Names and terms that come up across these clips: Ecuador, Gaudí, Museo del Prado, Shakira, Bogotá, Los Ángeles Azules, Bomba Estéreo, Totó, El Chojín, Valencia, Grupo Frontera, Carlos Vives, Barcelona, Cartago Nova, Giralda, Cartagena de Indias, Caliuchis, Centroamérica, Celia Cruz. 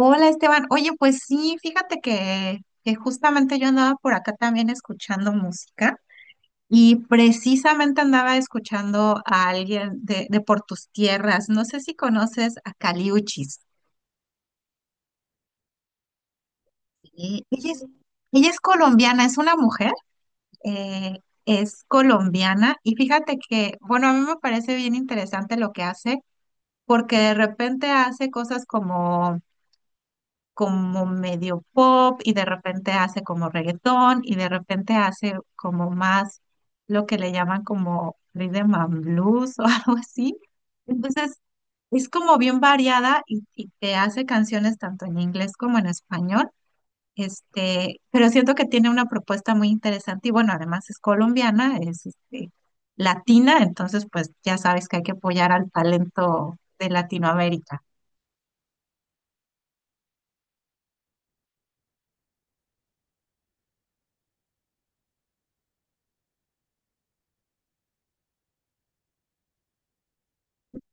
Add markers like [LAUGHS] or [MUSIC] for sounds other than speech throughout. Hola Esteban, oye, pues sí, fíjate que justamente yo andaba por acá también escuchando música y precisamente andaba escuchando a alguien de Por tus tierras, no sé si conoces a Caliuchis. Y Ella es, ella es colombiana, es una mujer, eh, es colombiana y fíjate que, bueno, a mí me parece bien interesante lo que hace porque de repente hace cosas como medio pop y de repente hace como reggaetón y de repente hace como más lo que le llaman como rhythm and blues o [LAUGHS] algo así. Entonces, es como bien variada y te hace canciones tanto en inglés como en español. Este, pero siento que tiene una propuesta muy interesante y bueno, además es colombiana, es este, latina, entonces pues ya sabes que hay que apoyar al talento de Latinoamérica.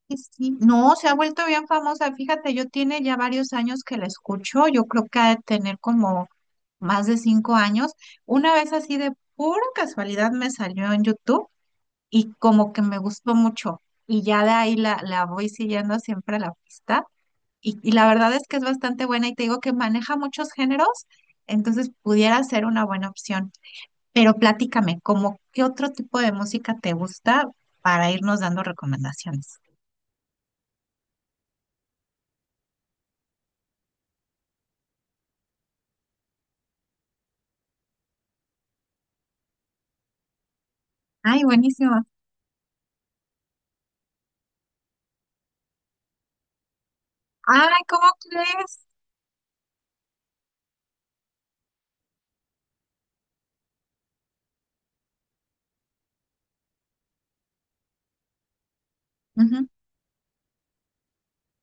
Sí, sí. No, se ha vuelto bien famosa. Fíjate, yo tiene ya varios años que la escucho. Yo creo que ha de tener como más de 5 años. Una vez así de pura casualidad me salió en YouTube y como que me gustó mucho. Y ya de ahí la voy siguiendo siempre la pista. Y la verdad es que es bastante buena y te digo que maneja muchos géneros, entonces pudiera ser una buena opción. Pero platícame, ¿cómo qué otro tipo de música te gusta para irnos dando recomendaciones? Ay, buenísimo. Ay, ¿cómo crees? Ujú,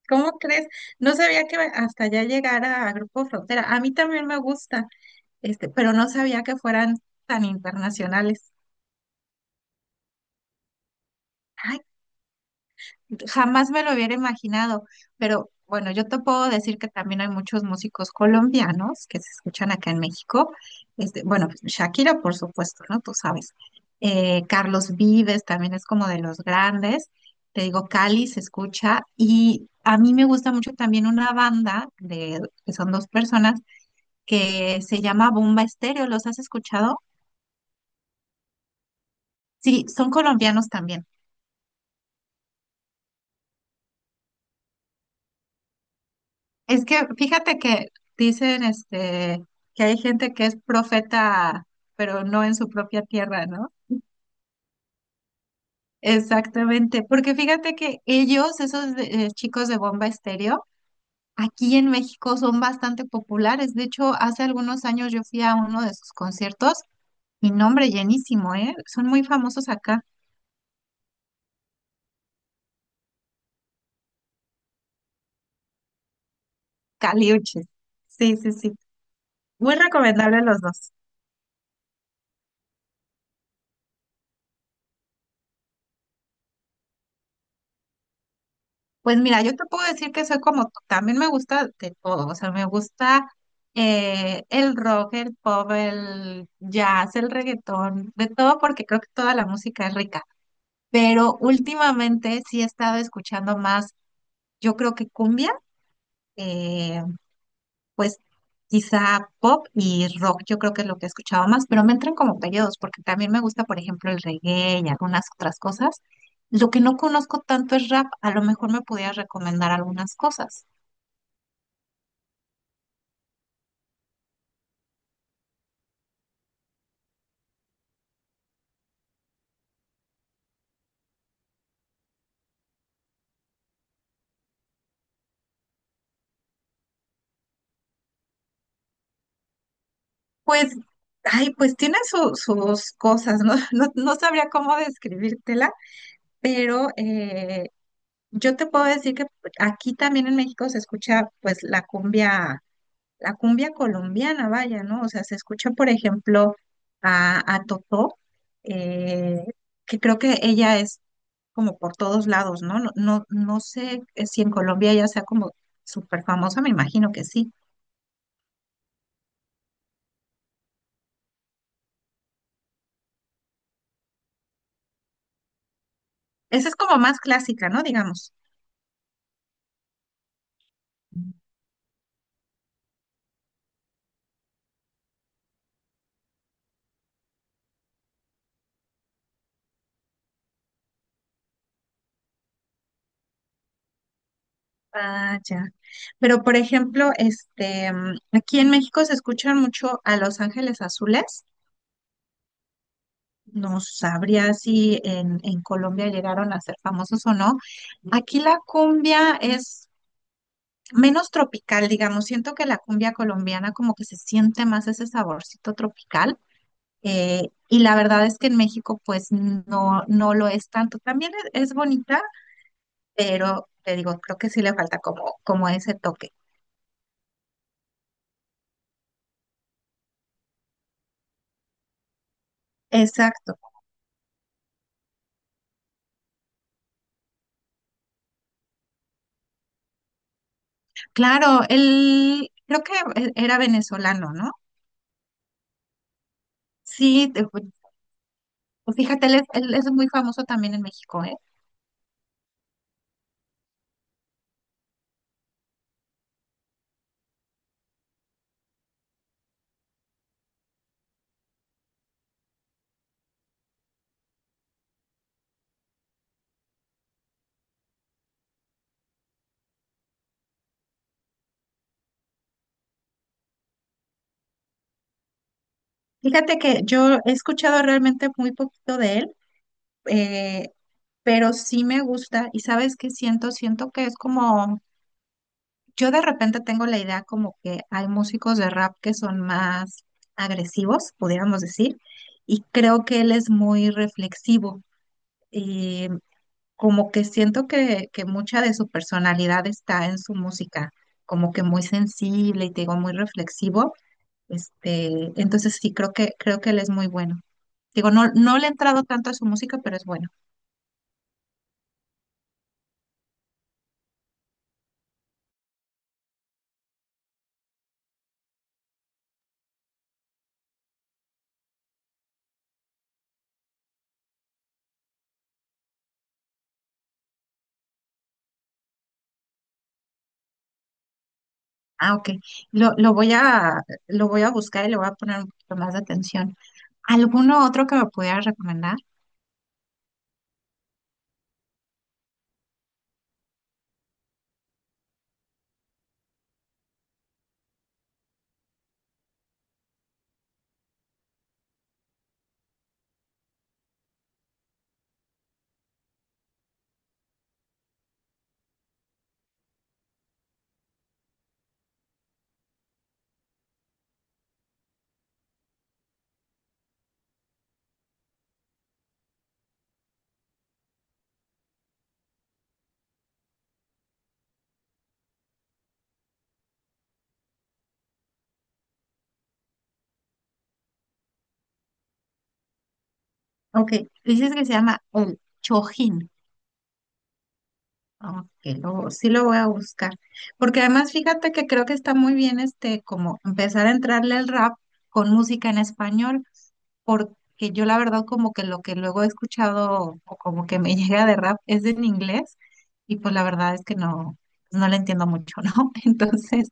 ¿cómo crees? No sabía que hasta allá llegara a Grupo Frontera. A mí también me gusta, este, pero no sabía que fueran tan internacionales. Ay, jamás me lo hubiera imaginado, pero bueno, yo te puedo decir que también hay muchos músicos colombianos que se escuchan acá en México. Este, bueno, pues, Shakira, por supuesto, ¿no? Tú sabes. Carlos Vives también es como de los grandes. Te digo, Cali se escucha. Y a mí me gusta mucho también una banda de, que son dos personas que se llama Bomba Estéreo. ¿Los has escuchado? Sí, son colombianos también. Es que fíjate que dicen este que hay gente que es profeta, pero no en su propia tierra, ¿no? Exactamente, porque fíjate que ellos, chicos de Bomba Estéreo, aquí en México son bastante populares. De hecho, hace algunos años yo fui a uno de sus conciertos y nombre llenísimo, ¿eh? Son muy famosos acá. Caliuches. Sí, sí, sí. Muy recomendable los dos. Pues mira, yo te puedo decir que soy como tú, también me gusta de todo, o sea, me gusta el rock, el pop, el jazz, el reggaetón, de todo porque creo que toda la música es rica, pero últimamente sí he estado escuchando más, yo creo que cumbia, eh, pues quizá pop y rock, yo creo que es lo que he escuchado más, pero me entran como periodos porque también me gusta, por ejemplo, el reggae y algunas otras cosas. Lo que no conozco tanto es rap, a lo mejor me pudieras recomendar algunas cosas. Pues, ay, pues tiene sus cosas, ¿no? [LAUGHS] No, no sabría cómo describírtela, pero yo te puedo decir que aquí también en México se escucha pues la cumbia colombiana, vaya, ¿no? O sea, se escucha, por ejemplo, a Totó, eh, que creo que ella es como por todos lados, ¿no? No, no, no sé si en Colombia ella sea como súper famosa, me imagino que sí. Esa es como más clásica, ¿no? Digamos. Ah, ya. Pero por ejemplo, este, mm, aquí en México se escuchan mucho a Los Ángeles Azules. No sabría si en, en Colombia llegaron a ser famosos o no. Aquí la cumbia es menos tropical, digamos. Siento que la cumbia colombiana como que se siente más ese saborcito tropical. eh, y la verdad es que en México pues no, no lo es tanto. También es bonita, pero te digo, creo que sí le falta como, como ese toque. Exacto. Claro, él creo que era venezolano, ¿no? Sí, pues, pues fíjate, él es muy famoso también en México, ¿eh? Fíjate que yo he escuchado realmente muy poquito de él, eh, pero sí me gusta y sabes qué siento, siento que es como, yo de repente tengo la idea como que hay músicos de rap que son más agresivos, pudiéramos decir, y creo que él es muy reflexivo. Como que siento que mucha de su personalidad está en su música, como que muy sensible y te digo, muy reflexivo. Este, entonces sí, creo que él es muy bueno. Digo, no, no le he entrado tanto a su música, pero es bueno. Ah, ok. Lo, lo voy a, lo voy a buscar y le voy a poner un poquito más de atención. ¿Alguno otro que me pudiera recomendar? Ok, dices que se llama El Chojín. Ok, sí lo voy a buscar. Porque además fíjate que creo que está muy bien este como empezar a entrarle al rap con música en español, porque yo la verdad como que lo que luego he escuchado o como que me [LAUGHS] llega de rap es en inglés y pues la verdad es que no, no le entiendo mucho, ¿no? [LAUGHS] Entonces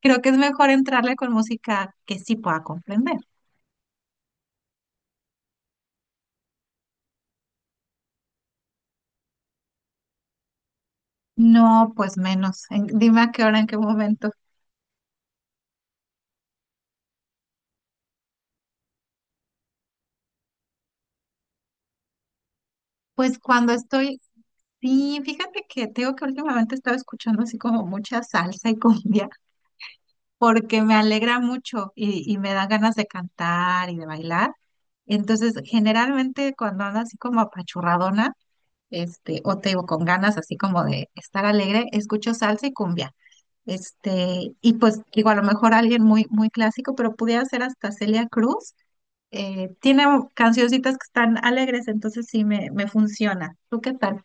creo que es mejor entrarle con música que sí pueda comprender. No, pues menos. Dime a qué hora, en qué momento. Pues cuando estoy, sí, fíjate que tengo que últimamente he estado escuchando así como mucha salsa y [LAUGHS] cumbia, porque me alegra mucho y me dan ganas de cantar y de bailar. Entonces, generalmente cuando ando así como apachurradona, este, o te digo con ganas así como de estar alegre, escucho salsa y cumbia. Este, y pues digo, a lo mejor alguien muy, muy clásico, pero pudiera ser hasta Celia Cruz. Tiene cancioncitas que están alegres, entonces me funciona. ¿Tú qué tal?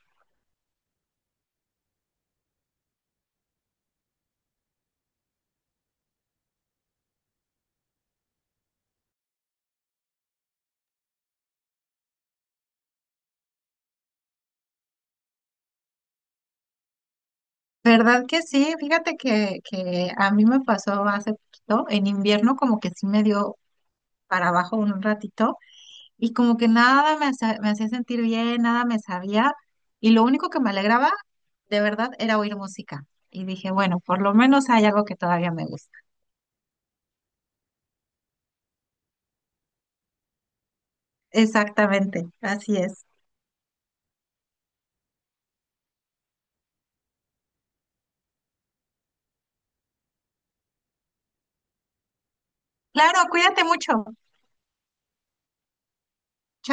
¿Verdad que sí? Fíjate que a mí me pasó hace poquito, en invierno como que sí me dio para abajo un ratito y como que nada me hacía, me hacía sentir bien, nada me sabía y lo único que me alegraba de verdad era oír música. Y dije, bueno, por lo menos hay algo que todavía me gusta. Exactamente, así es. Claro, cuídate mucho.